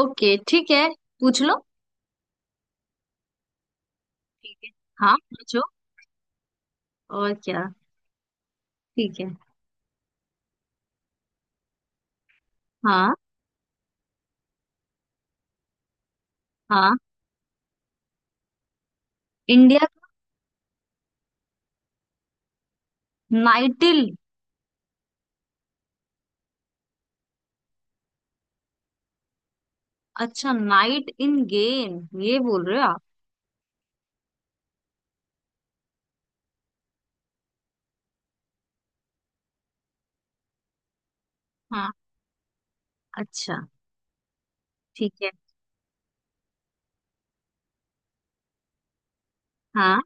Okay, ठीक है। पूछ लो। ठीक है, हाँ पूछो। और क्या। ठीक है। हाँ हाँ। इंडिया का नाइटिल। अच्छा, नाइट इन गेम ये बोल रहे हो आप। हाँ, अच्छा ठीक है। हाँ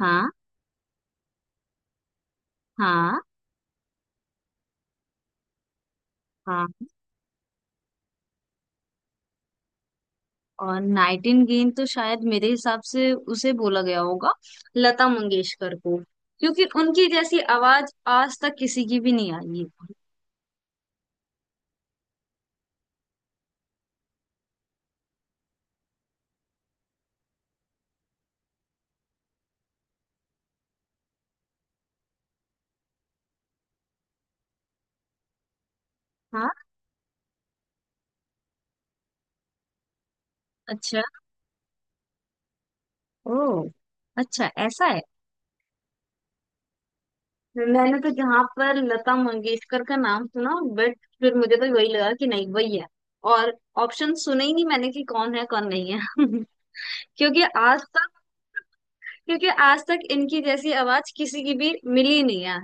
हाँ। हाँ हाँ। और नाइट इन गेम तो शायद मेरे हिसाब से उसे बोला गया होगा लता मंगेशकर को, क्योंकि उनकी जैसी आवाज आज तक किसी की भी नहीं आई है। हाँ, अच्छा। ओ, अच्छा ऐसा है। मैंने तो जहां पर लता मंगेशकर का नाम सुना, बट फिर मुझे तो वही लगा कि नहीं, वही है। और ऑप्शन सुने ही नहीं मैंने कि कौन है कौन नहीं है क्योंकि आज तक क्योंकि आज तक इनकी जैसी आवाज किसी की भी मिली ही नहीं है।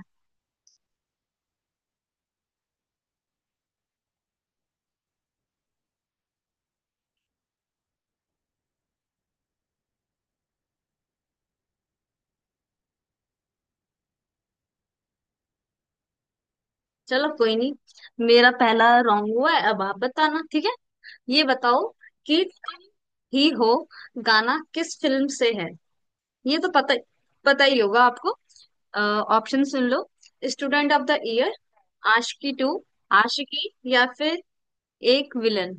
चलो, कोई नहीं। मेरा पहला रॉन्ग हुआ है। अब आप बताना, ठीक है। ये बताओ कि तुम ही हो गाना किस फिल्म से है। ये तो पता पता ही होगा आपको। ऑप्शन सुन लो। Student of the year, Aashiqui two, Aashiqui, या फिर एक विलन।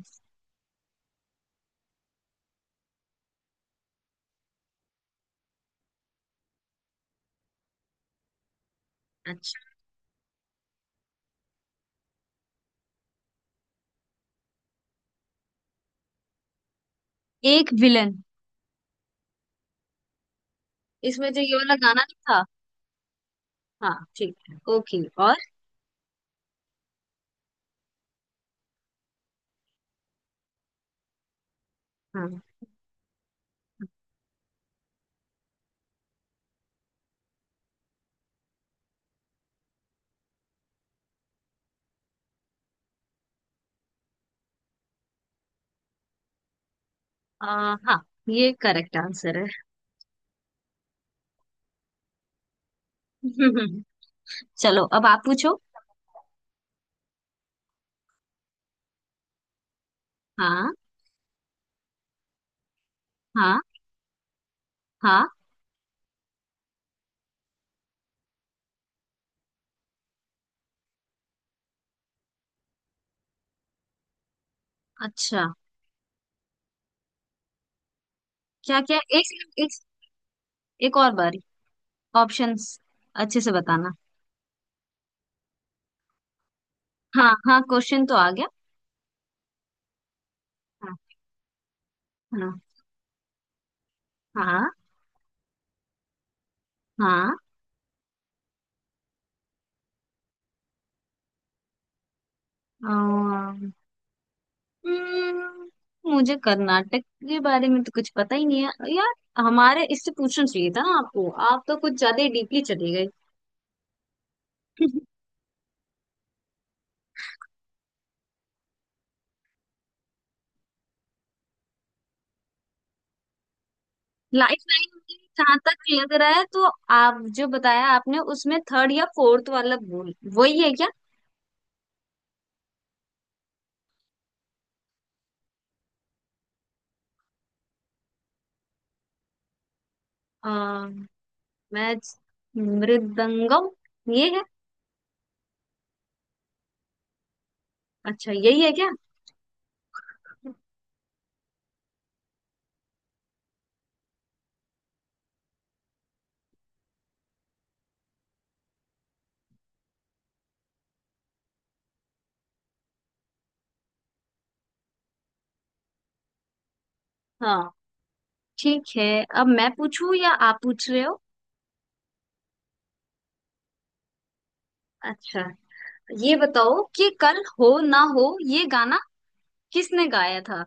अच्छा, एक विलन इसमें जो ये वाला गाना नहीं था। हाँ ठीक है, ओके। और हाँ। आ, हाँ ये करेक्ट आंसर है। चलो, अब आप पूछो। हाँ। हाँ। हाँ। अच्छा। क्या क्या, एक सेकंड, एक एक और बारी। ऑप्शंस अच्छे से बताना। हाँ हाँ, क्वेश्चन तो आ गया। हाँ। हाँ। हाँ। हाँ, हम्म, मुझे कर्नाटक के बारे में तो कुछ पता ही नहीं है यार। हमारे इससे पूछना चाहिए था ना आपको, आप तो कुछ ज्यादा ही डीपली चले गए। Life line. मुझे जहाँ तक लग रहा है तो आप जो बताया आपने, उसमें थर्ड या फोर्थ वाला बोल, वही है क्या। आ, मैं मृदंगम, ये है। अच्छा यही है क्या। हाँ ठीक है। अब मैं पूछूं या आप पूछ रहे हो। अच्छा, ये बताओ कि कल हो ना हो ये गाना किसने गाया था।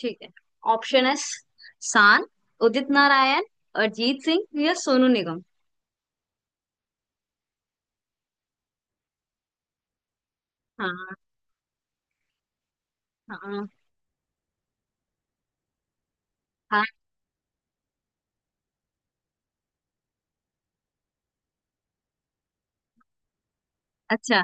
ठीक है, ऑप्शन है शान, उदित नारायण, अरिजीत सिंह, या सोनू निगम। हाँ। हाँ। हाँ, अच्छा।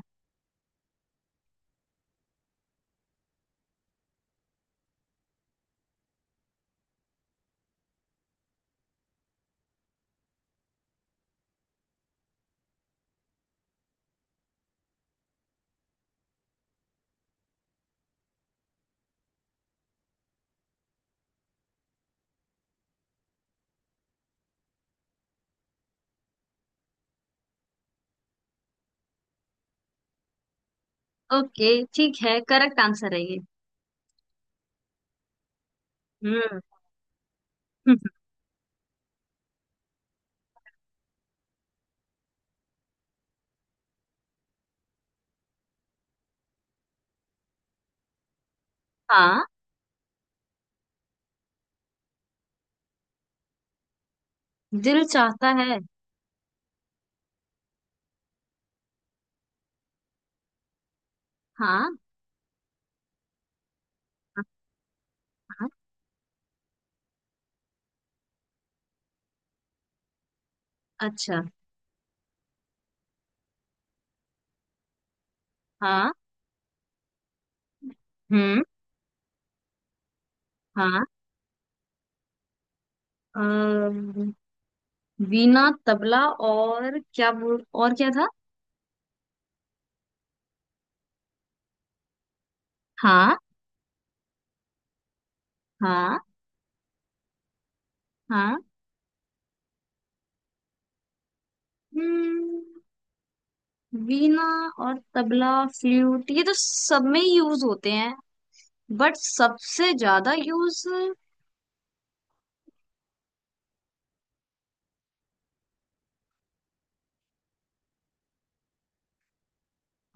ओके, ठीक है, करेक्ट आंसर है ये। हम्म। हाँ, दिल चाहता है। हाँ। हाँ। अच्छा। हाँ। हम्म। हाँ। अम, वीणा, तबला, और क्या बोल, और क्या था। हाँ। हाँ। हाँ। हम्म। वीणा और तबला फ्लूट, ये तो सब में यूज होते हैं। बट सबसे ज्यादा यूज।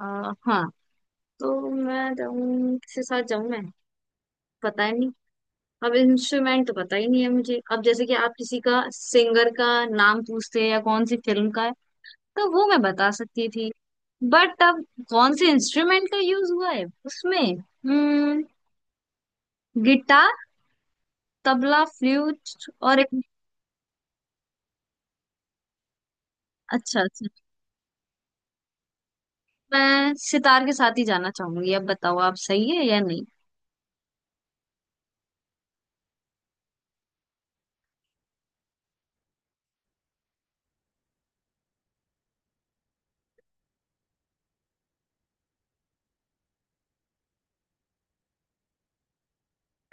हाँ, तो मैं जाऊँ, किसके साथ जाऊँ मैं, पता ही नहीं। अब इंस्ट्रूमेंट तो पता ही नहीं है मुझे। अब जैसे कि आप किसी का सिंगर का नाम पूछते हैं या कौन सी फिल्म का है, तो वो मैं बता सकती थी। बट अब कौन से इंस्ट्रूमेंट का यूज हुआ है उसमें, हम्म, गिटार, तबला, फ्लूट और एक। अच्छा अच्छा। मैं सितार के साथ ही जाना चाहूंगी, अब बताओ आप, सही है या नहीं।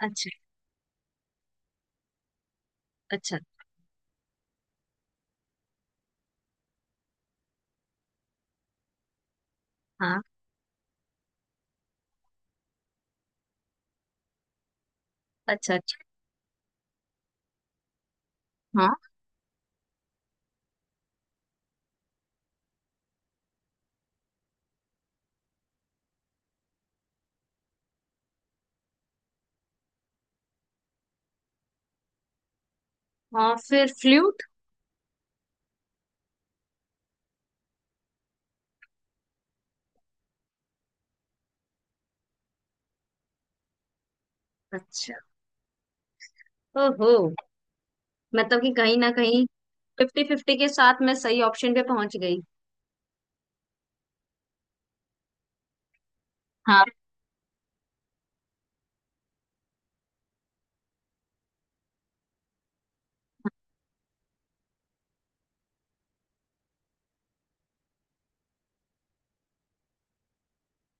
अच्छा अच्छा। हाँ। अच्छा अच्छा। हाँ। हाँ फिर फ्लूट। अच्छा, ओहो। मतलब कि कहीं ना कहीं फिफ्टी फिफ्टी के साथ मैं सही ऑप्शन पे पहुंच गई। हाँ।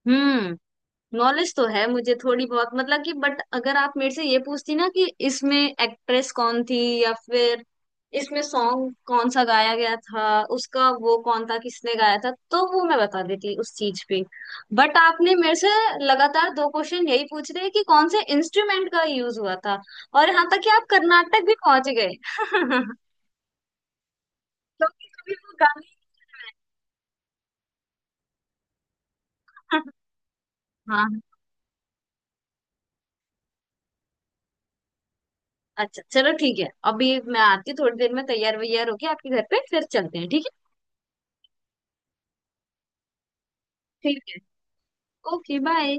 हम्म। नॉलेज तो है मुझे थोड़ी बहुत, मतलब कि, बट अगर आप मेरे से ये पूछती ना कि इसमें एक्ट्रेस कौन थी, या फिर इसमें सॉन्ग कौन सा गाया गया था, उसका वो कौन था, किसने गाया था, तो वो मैं बता देती उस चीज पे। बट आपने मेरे से लगातार दो क्वेश्चन यही पूछ रहे हैं कि कौन से इंस्ट्रूमेंट का यूज हुआ था। और यहाँ तक कि आप कर्नाटक भी पहुंच गए। क्योंकि कभी वो गाने। हाँ, अच्छा चलो ठीक है, अभी मैं आती हूँ थोड़ी देर में, तैयार वैयार होके आपके घर पे फिर चलते हैं, ठीक है। ठीक है, ओके बाय।